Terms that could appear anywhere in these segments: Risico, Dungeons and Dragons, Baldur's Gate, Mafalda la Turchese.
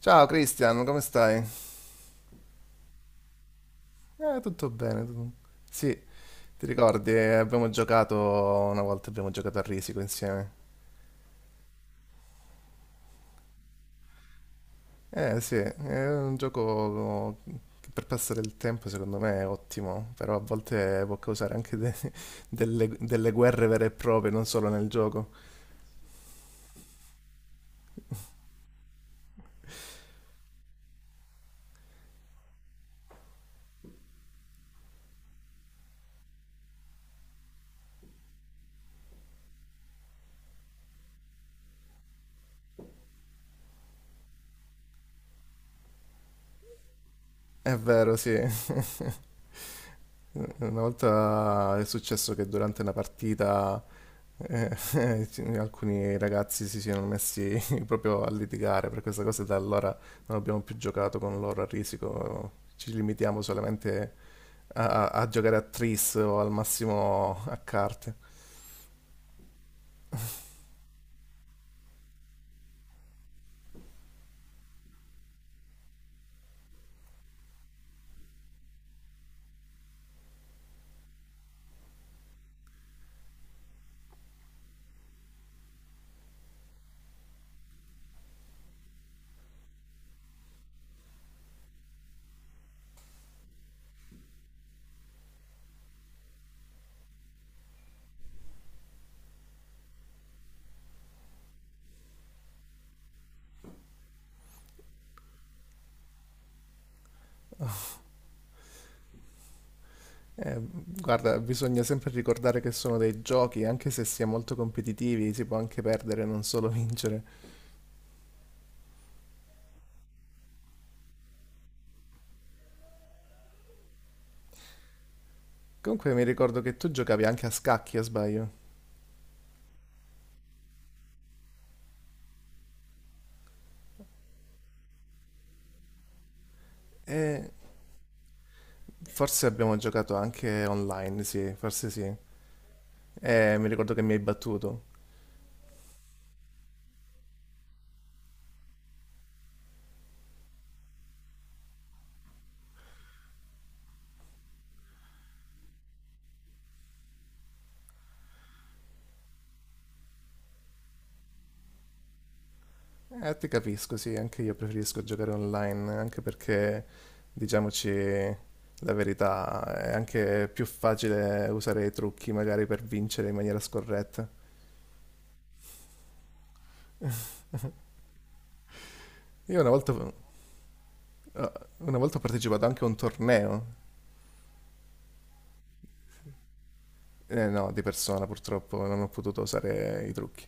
Ciao Cristian, come stai? Tutto bene. Tu... Sì, ti ricordi, abbiamo giocato una volta, abbiamo giocato a Risico insieme. Eh sì, è un gioco che per passare il tempo secondo me è ottimo, però a volte può causare anche delle guerre vere e proprie, non solo nel gioco. È vero, sì. Una volta è successo che durante una partita alcuni ragazzi si siano messi proprio a litigare per questa cosa e da allora non abbiamo più giocato con loro a risico, ci limitiamo solamente a, a giocare a tris o al massimo a carte. Guarda, bisogna sempre ricordare che sono dei giochi, anche se si è molto competitivi, si può anche perdere, non solo vincere. Comunque mi ricordo che tu giocavi anche a scacchi, a sbaglio. E forse abbiamo giocato anche online, sì, forse sì. Mi ricordo che mi hai battuto. Ti capisco, sì, anche io preferisco giocare online, anche perché, diciamoci la verità, è anche più facile usare i trucchi magari per vincere in maniera scorretta. Io una volta ho partecipato anche a un torneo, no, di persona purtroppo non ho potuto usare i trucchi.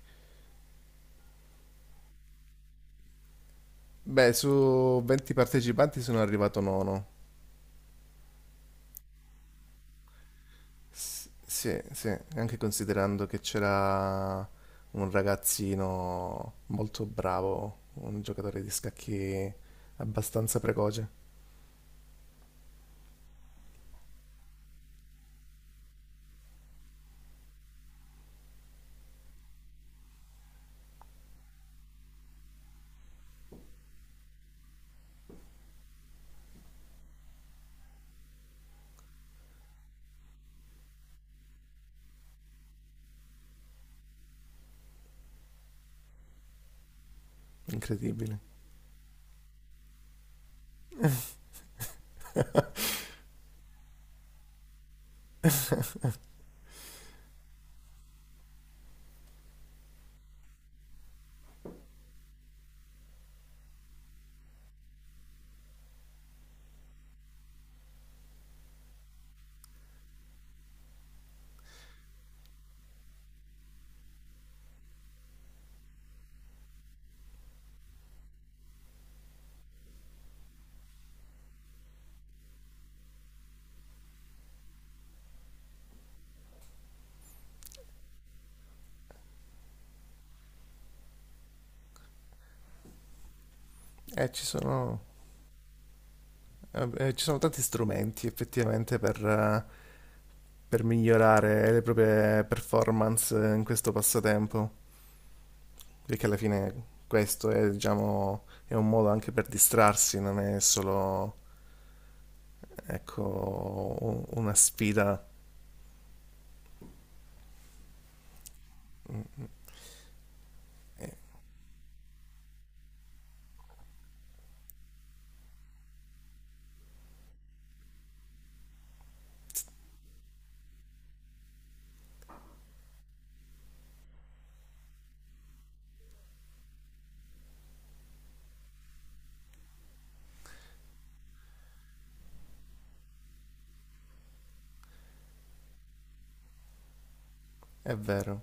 Beh, su 20 partecipanti sono arrivato nono. Sì, sì, anche considerando che c'era un ragazzino molto bravo, un giocatore di scacchi abbastanza precoce, incredibile. E ci sono tanti strumenti effettivamente per migliorare le proprie performance in questo passatempo, perché alla fine questo è, diciamo, è un modo anche per distrarsi, non è solo, ecco, un... una sfida, è vero.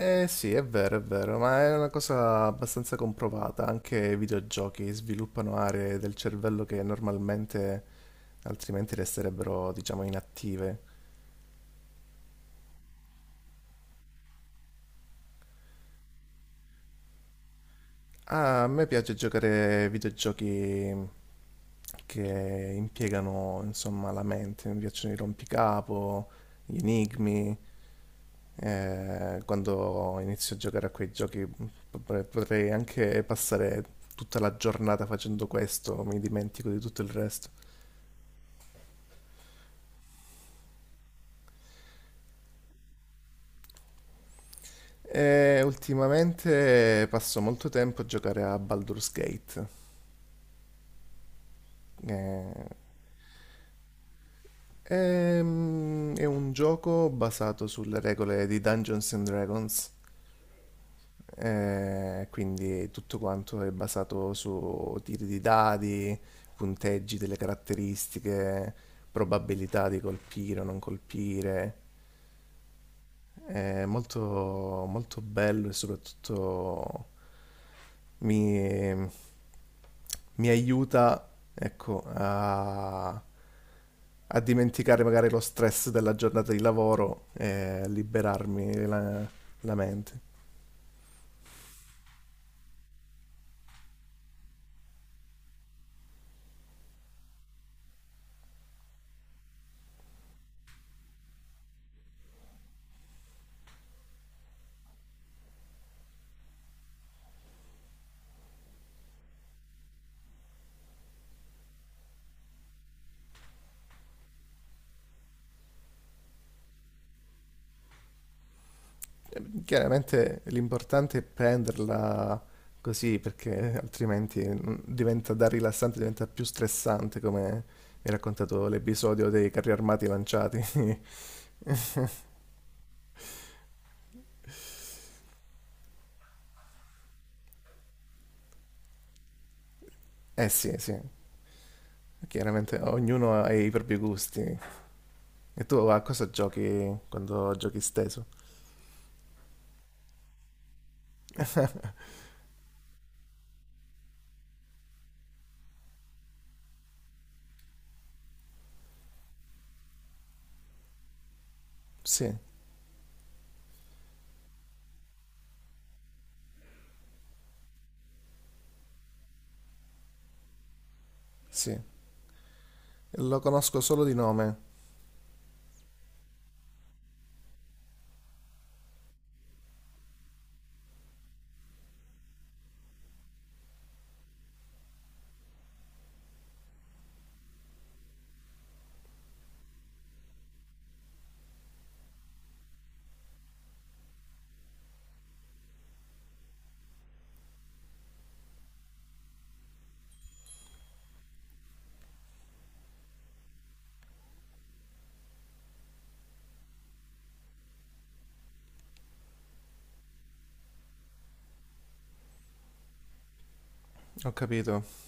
Eh sì, è vero, ma è una cosa abbastanza comprovata. Anche i videogiochi sviluppano aree del cervello che normalmente altrimenti resterebbero, diciamo, inattive. Ah, a me piace giocare ai videogiochi che impiegano, insomma, la mente. Mi piacciono i rompicapo, gli enigmi. Quando inizio a giocare a quei giochi potrei anche passare tutta la giornata facendo questo, mi dimentico di tutto il resto. E ultimamente passo molto tempo a giocare a Baldur's Gate. Eh, è un gioco basato sulle regole di Dungeons and Dragons, quindi tutto quanto è basato su tiri di dadi, punteggi delle caratteristiche, probabilità di colpire o non colpire. È molto, molto bello e soprattutto mi, mi aiuta, ecco, a, a dimenticare magari lo stress della giornata di lavoro e a liberarmi la, la mente. Chiaramente l'importante è prenderla così perché altrimenti diventa da rilassante, diventa più stressante come mi ha raccontato l'episodio dei carri armati lanciati. Eh sì, sì, chiaramente ognuno ha i propri gusti. E tu a cosa giochi quando giochi steso? Sì, sì. Lo conosco solo di nome. Ho capito.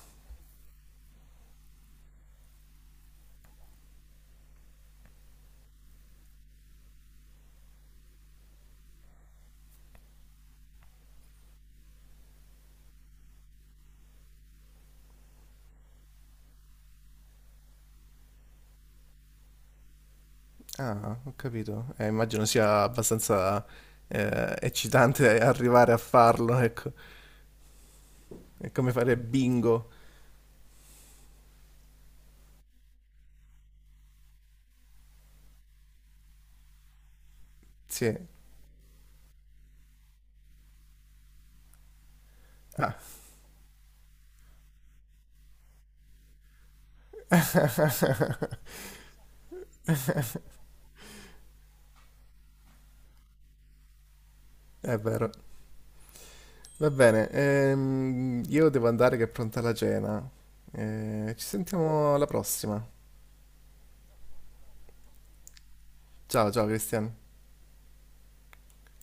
Ah, ho capito. Immagino sia abbastanza eccitante arrivare a farlo, ecco. È come fare bingo. Sì. Ah, è vero. Va bene. Io devo andare che è pronta la cena. Ci sentiamo alla prossima. Ciao, ciao Cristian.